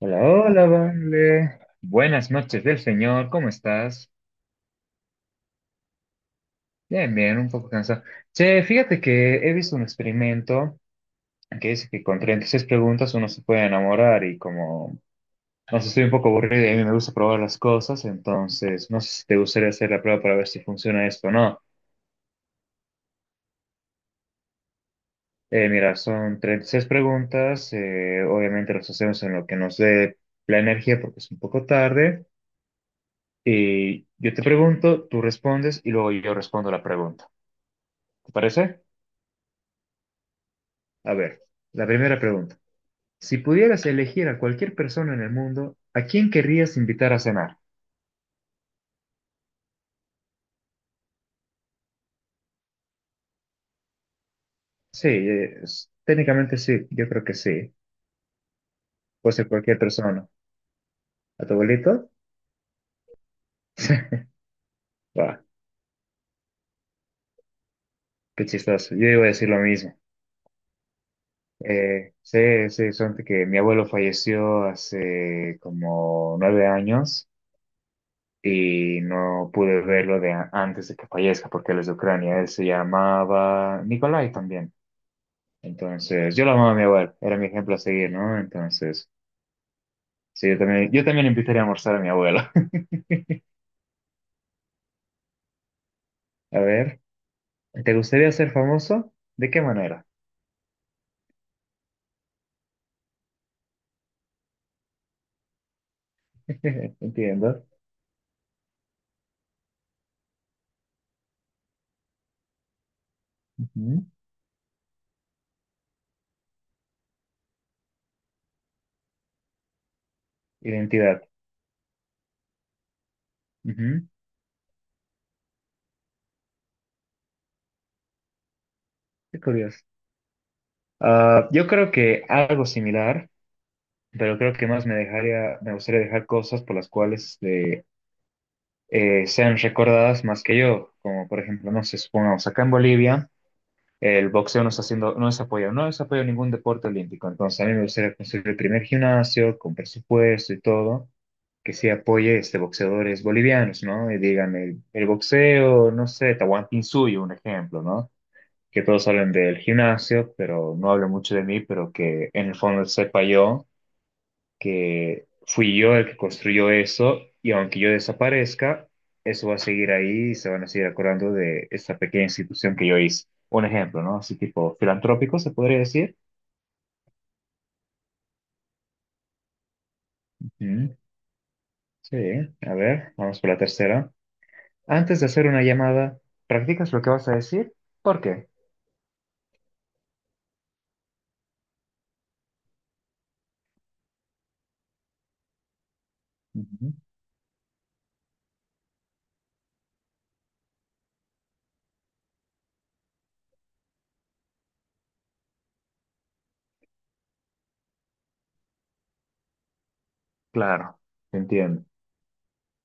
Hola, hola, vale. Buenas noches del señor, ¿cómo estás? Bien, bien, un poco cansado. Che, fíjate que he visto un experimento que dice que con 36 preguntas uno se puede enamorar y como, no sé, estoy un poco aburrido y a mí me gusta probar las cosas, entonces no sé si te gustaría hacer la prueba para ver si funciona esto o no. Mira, son 36 preguntas, obviamente las hacemos en lo que nos dé la energía porque es un poco tarde. Y yo te pregunto, tú respondes y luego yo respondo la pregunta. ¿Te parece? A ver, la primera pregunta. Si pudieras elegir a cualquier persona en el mundo, ¿a quién querrías invitar a cenar? Sí, técnicamente sí, yo creo que sí. Puede ser cualquier persona. ¿A tu abuelito? Buah, qué chistoso. Yo iba a decir lo mismo. Sí, sí, son que mi abuelo falleció hace como 9 años y no pude verlo antes de que fallezca porque él es de Ucrania. Él se llamaba Nikolai también. Entonces, yo lo amaba a mi abuelo, era mi ejemplo a seguir, ¿no? Entonces, sí, yo también invitaría a almorzar a mi abuelo. A ver, ¿te gustaría ser famoso? ¿De qué manera? Entiendo. Ujú. Identidad. Ujú. Qué curioso. Ah, yo creo que algo similar, pero creo que más me dejaría, me gustaría dejar cosas por las cuales sean recordadas más que yo, como por ejemplo, no sé, supongamos acá en Bolivia. El boxeo no está haciendo, no es apoyado ningún deporte olímpico. Entonces, a mí me gustaría construir el primer gimnasio con presupuesto y todo, que sí apoye este boxeadores bolivianos, ¿no? Y digan el boxeo, no sé, Tahuantinsuyo, un ejemplo, ¿no? Que todos hablen del gimnasio, pero no hablen mucho de mí, pero que en el fondo sepa yo que fui yo el que construyó eso y aunque yo desaparezca, eso va a seguir ahí y se van a seguir acordando de esta pequeña institución que yo hice. Un ejemplo, ¿no? Así tipo filantrópico, se podría decir. Mm, sí, a ver, vamos por la tercera. Antes de hacer una llamada, ¿practicas lo que vas a decir? ¿Por qué? Ujú. Claro, te entiendo.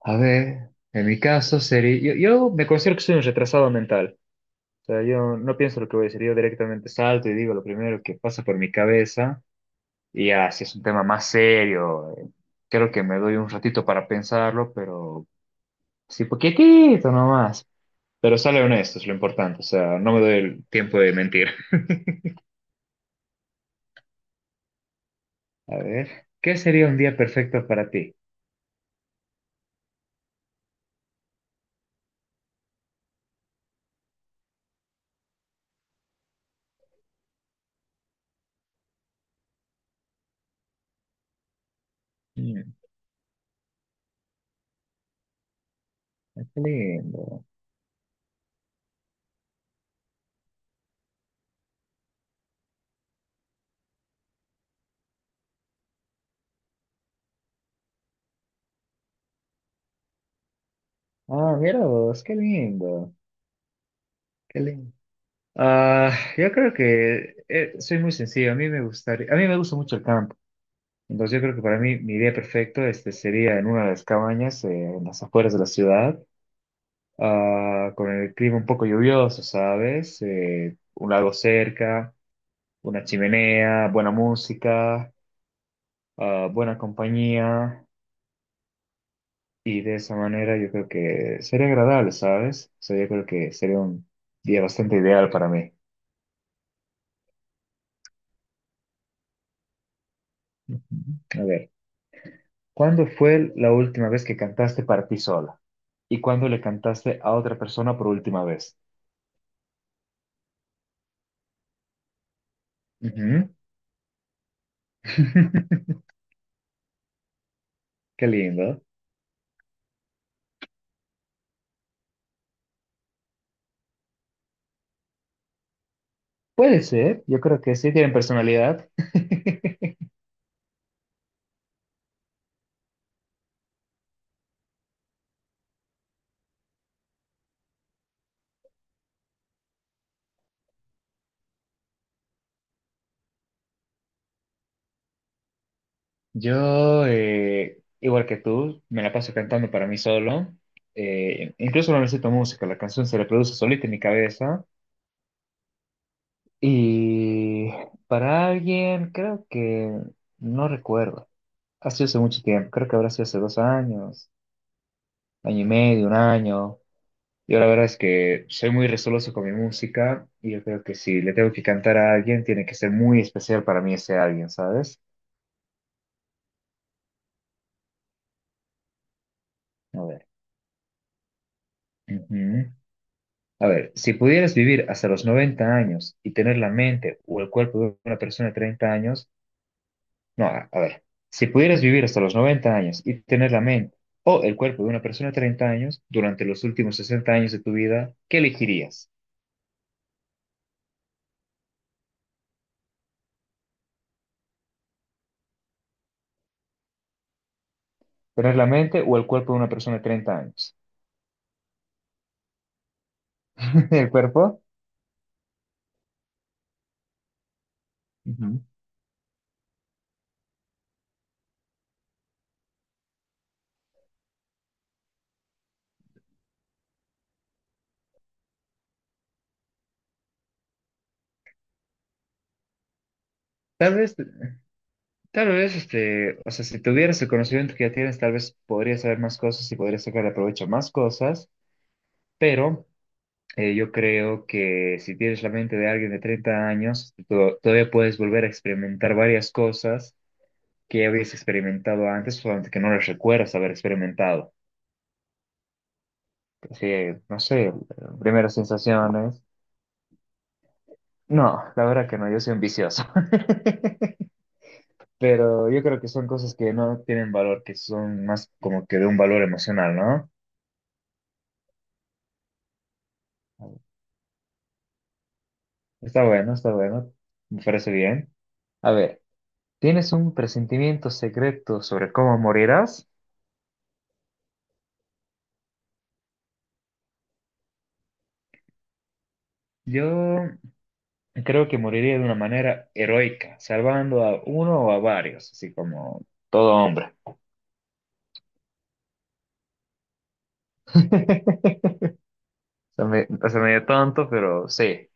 A ver, en mi caso sería, yo me considero que soy un retrasado mental. O sea, yo no pienso lo que voy a decir, yo directamente salto y digo lo primero que pasa por mi cabeza. Y ya, si es un tema más serio, creo que me doy un ratito para pensarlo, pero sí, poquitito nomás. Pero sale honesto, es lo importante. O sea, no me doy el tiempo de mentir. A ver, ¿qué sería un día perfecto para ti? Mm, qué lindo. Ah, mira vos, qué lindo. Qué lindo. Ah, yo creo que soy muy sencillo. A mí me gustaría, a mí me gusta mucho el campo. Entonces yo creo que para mí mi día perfecto este sería en una de las cabañas en las afueras de la ciudad, con el clima un poco lluvioso, ¿sabes? Un lago cerca, una chimenea, buena música, buena compañía y de esa manera yo creo que sería agradable, ¿sabes? O sea, yo creo que sería un día bastante ideal para mí. A ver, ¿cuándo fue la última vez que cantaste para ti sola? ¿Y cuándo le cantaste a otra persona por última vez? Ujú. Qué lindo. Puede ser, yo creo que sí tienen personalidad. Yo, igual que tú, me la paso cantando para mí solo. Incluso no necesito música, la canción se reproduce solita en mi cabeza. Y para alguien, creo que no recuerdo. Ha sido hace mucho tiempo, creo que habrá sido hace 2 años, año y medio, un año. Yo la verdad es que soy muy resoloso con mi música y yo creo que si le tengo que cantar a alguien, tiene que ser muy especial para mí ese alguien, ¿sabes? A ver. Ujú. A ver, si pudieras vivir hasta los 90 años y tener la mente o el cuerpo de una persona de 30 años, no, a ver, si pudieras vivir hasta los 90 años y tener la mente o el cuerpo de una persona de 30 años durante los últimos 60 años de tu vida, ¿qué elegirías? ¿Tener la mente o el cuerpo de una persona de 30 años? ¿El cuerpo? Ujú. Tal vez, tal vez, este, o sea, si tuvieras el conocimiento que ya tienes, tal vez podrías saber más cosas y podrías sacar provecho a más cosas, pero yo creo que si tienes la mente de alguien de 30 años, todavía puedes volver a experimentar varias cosas que ya habías experimentado antes, solamente que no las recuerdas haber experimentado. Así, no sé, primeras sensaciones. No, la verdad que no, yo soy un vicioso. Pero yo creo que son cosas que no tienen valor, que son más como que de un valor emocional, ¿no? Está bueno, está bueno. Me parece bien. A ver, ¿tienes un presentimiento secreto sobre cómo morirás? Yo creo que moriría de una manera heroica, salvando a uno o a varios, así como todo hombre. Se me dio tonto, pero sí.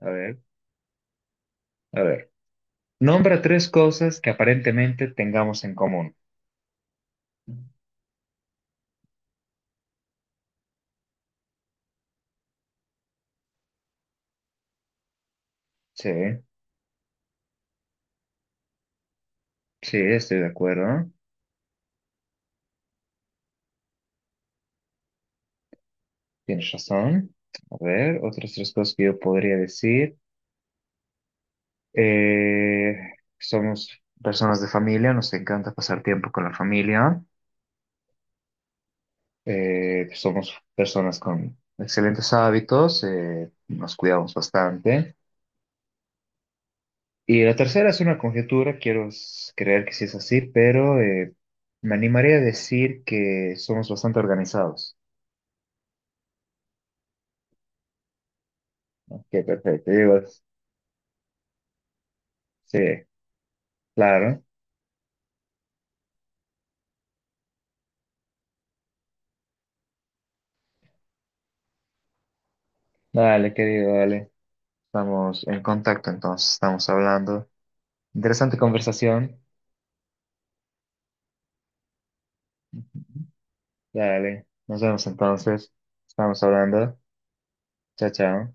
A ver, a ver. Nombra tres cosas que aparentemente tengamos en común. Sí, sí, estoy de acuerdo. Tienes razón. A ver, otras tres cosas que yo podría decir. Eh, Somos personas de familia, nos encanta pasar tiempo con la familia. Somos personas con excelentes hábitos, nos cuidamos bastante. Y la tercera es una conjetura, quiero creer que sí es así, pero me animaría a decir que somos bastante organizados. Ok, perfecto. Digo, sí, claro. Dale, querido, dale. Estamos en contacto, entonces estamos hablando. Interesante conversación. Dale, nos vemos entonces. Estamos hablando. Chao, chao.